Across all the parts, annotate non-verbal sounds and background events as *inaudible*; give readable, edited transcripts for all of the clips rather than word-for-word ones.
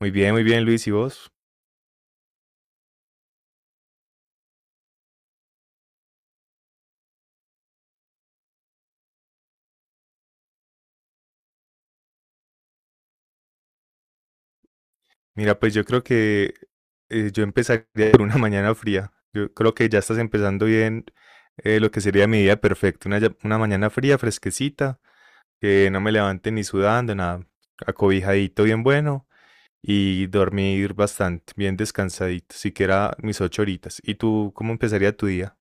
Muy bien, Luis. ¿Y vos? Mira, pues yo creo que yo empezaría *laughs* por una mañana fría. Yo creo que ya estás empezando bien lo que sería mi día perfecto. Una, una mañana fría, fresquecita, que no me levante ni sudando, nada. Acobijadito, bien bueno. Y dormir bastante, bien descansadito, siquiera mis 8 horitas. ¿Y tú cómo empezaría tu día?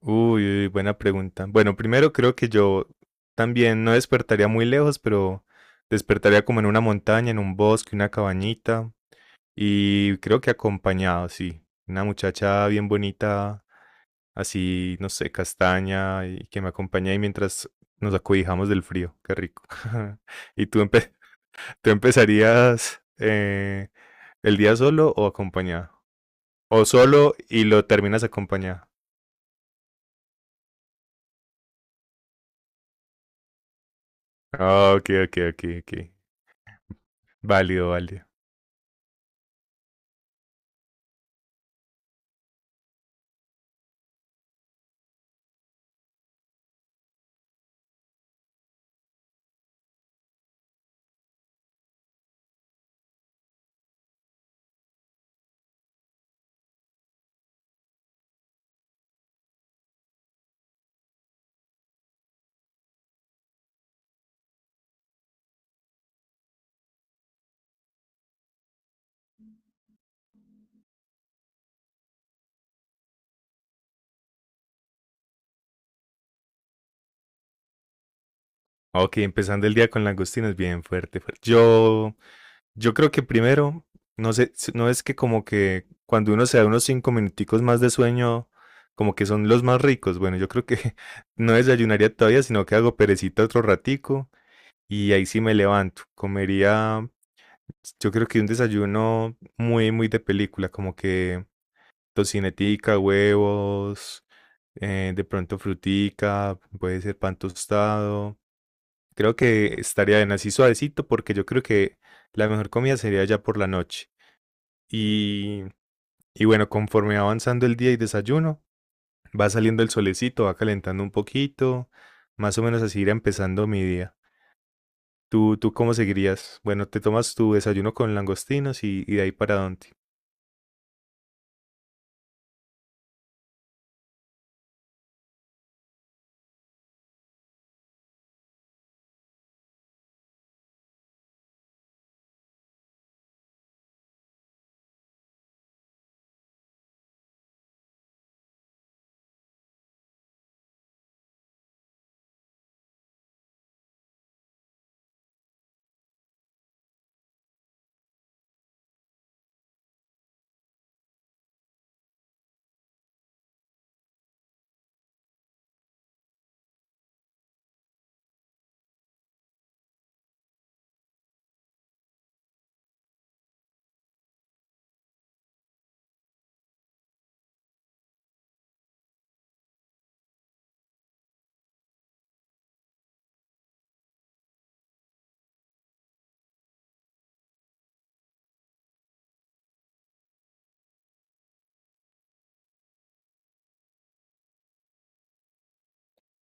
Uy, uy, buena pregunta. Bueno, primero creo que yo también no despertaría muy lejos, pero despertaría como en una montaña, en un bosque, una cabañita. Y creo que acompañado, sí. Una muchacha bien bonita, así, no sé, castaña, y que me acompañe ahí mientras nos acobijamos del frío. Qué rico. *laughs* ¿Y tú empezarías el día solo o acompañado? O solo y lo terminas acompañado. Ah, ok, ok, ok, ok. Válido, válido. Ok, empezando el día con langostinos, bien fuerte, fuerte. Yo creo que primero, no sé, no es que como que cuando uno se da unos 5 minuticos más de sueño, como que son los más ricos. Bueno, yo creo que *laughs* no desayunaría todavía, sino que hago perecita otro ratico y ahí sí me levanto. Comería, yo creo que un desayuno muy, muy de película, como que tocinetica, huevos, de pronto frutica, puede ser pan tostado. Creo que estaría bien así suavecito porque yo creo que la mejor comida sería ya por la noche. Y, y bueno, conforme va avanzando el día y desayuno, va saliendo el solecito, va calentando un poquito, más o menos así irá empezando mi día. ¿Tú cómo seguirías? Bueno, te tomas tu desayuno con langostinos y de ahí para dónde.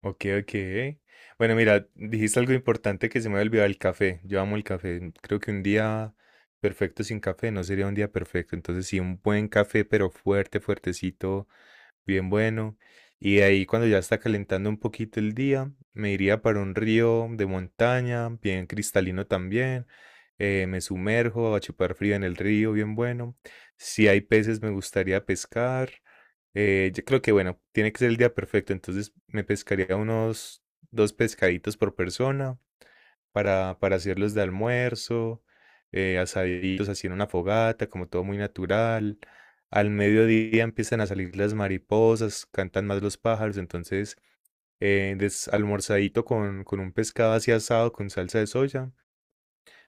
Ok, ok. Bueno, mira, dijiste algo importante que se me había olvidado, el café. Yo amo el café. Creo que un día perfecto sin café no sería un día perfecto. Entonces, sí, un buen café, pero fuerte, fuertecito bien bueno. Y de ahí cuando ya está calentando un poquito el día, me iría para un río de montaña, bien cristalino también. Me sumerjo a chupar frío en el río, bien bueno. Si hay peces, me gustaría pescar. Yo creo que, bueno, tiene que ser el día perfecto, entonces me pescaría unos dos pescaditos por persona para hacerlos de almuerzo, asaditos así en una fogata, como todo muy natural. Al mediodía empiezan a salir las mariposas, cantan más los pájaros, entonces almorzadito con un pescado así asado con salsa de soya,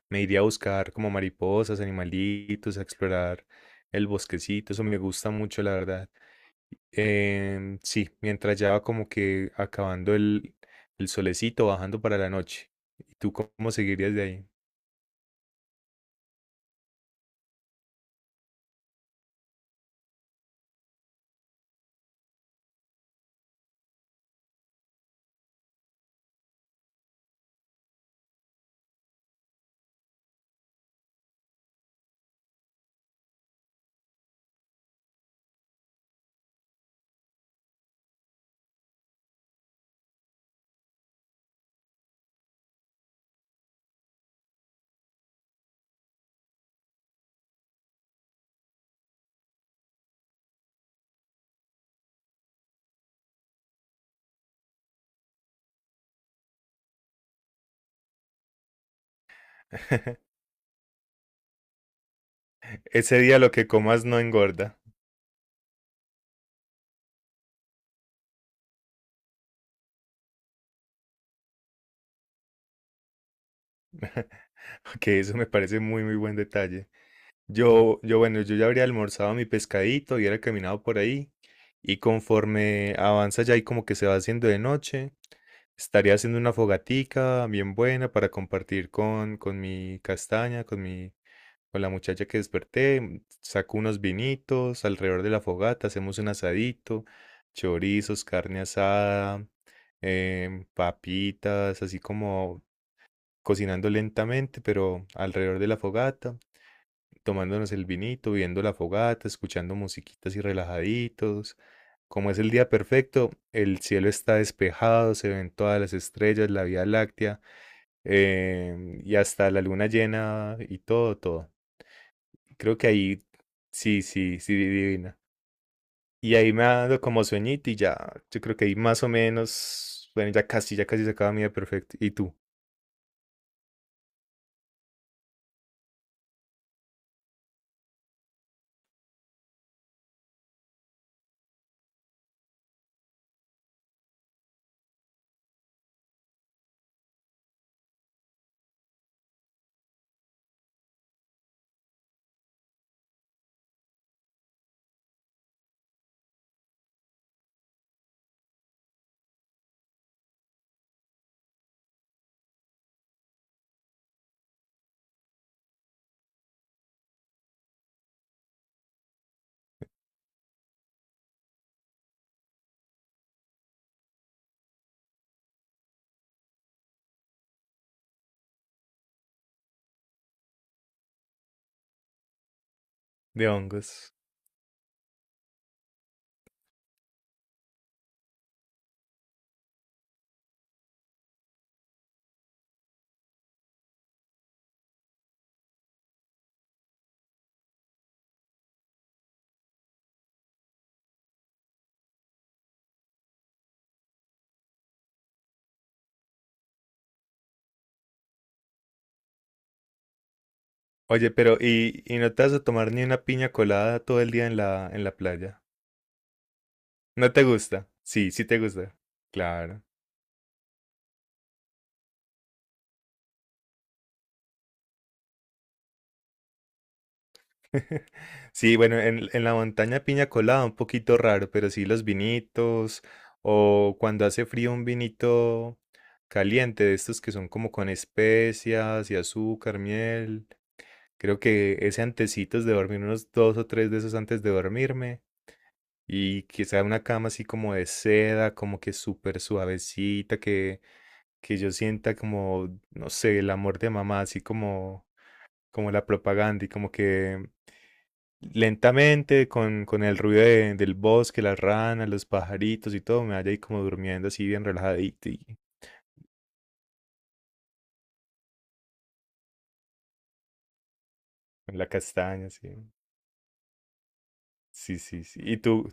me iría a buscar como mariposas, animalitos, a explorar el bosquecito, eso me gusta mucho, la verdad. Sí, mientras ya va como que acabando el solecito, bajando para la noche. ¿Y tú cómo seguirías de ahí? *laughs* Ese día lo que comas no engorda. *laughs* Que eso me parece muy, muy buen detalle. Bueno, yo ya habría almorzado mi pescadito, hubiera caminado por ahí. Y conforme avanza ya y como que se va haciendo de noche, estaría haciendo una fogatica bien buena para compartir con mi castaña, con la muchacha que desperté. Saco unos vinitos alrededor de la fogata, hacemos un asadito, chorizos, carne asada, papitas, así como cocinando lentamente, pero alrededor de la fogata, tomándonos el vinito, viendo la fogata, escuchando musiquitas y relajaditos. Como es el día perfecto, el cielo está despejado, se ven todas las estrellas, la Vía Láctea, y hasta la luna llena y todo, todo. Creo que ahí sí, sí, sí, divina. Y ahí me ha dado como sueñito y ya, yo creo que ahí más o menos, bueno, ya casi se acaba mi día perfecto. ¿Y tú? De hongos. Oye, pero ¿y no te vas a tomar ni una piña colada todo el día en la playa? ¿No te gusta? Sí, sí te gusta. Claro. *laughs* Sí, bueno, en la montaña piña colada un poquito raro, pero sí los vinitos o cuando hace frío un vinito caliente de estos que son como con especias y azúcar, miel. Creo que ese antecitos de dormir, unos dos o tres de esos antes de dormirme. Y quizá una cama así como de seda, como que súper suavecita, que yo sienta como, no sé, el amor de mamá, así como la propaganda y como que lentamente con el ruido del bosque, las ranas, los pajaritos y todo, me vaya ahí como durmiendo así bien relajadito y con la castaña, así. Sí, sí, sí. Y tú,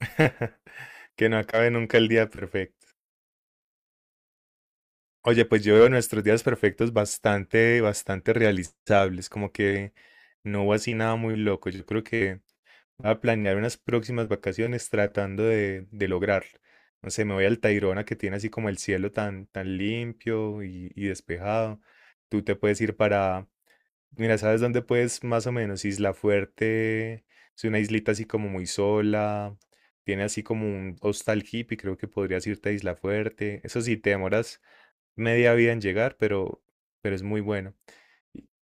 *laughs* que no acabe nunca el día perfecto. Oye, pues yo veo nuestros días perfectos bastante, bastante realizables, como que no hubo así nada muy loco. Yo creo que... Voy a planear unas próximas vacaciones tratando de lograr. No sé, me voy al Tayrona que tiene así como el cielo tan, tan limpio y despejado. Tú te puedes ir para... Mira, ¿sabes dónde puedes más o menos? Isla Fuerte. Es una islita así como muy sola. Tiene así como un hostal hippie. Creo que podrías irte a Isla Fuerte. Eso sí, te demoras media vida en llegar, pero es muy bueno.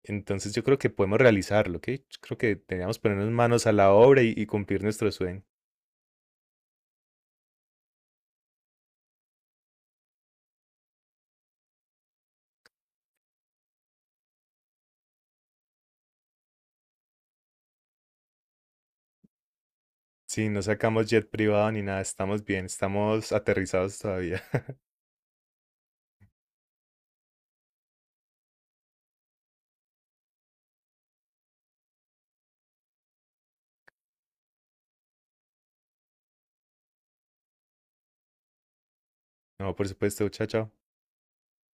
Entonces yo creo que podemos realizarlo, ¿ok? Yo creo que teníamos que ponernos manos a la obra y cumplir nuestro sueño. Sí, no sacamos jet privado ni nada, estamos bien, estamos aterrizados todavía. *laughs* No, por supuesto, chao, chao.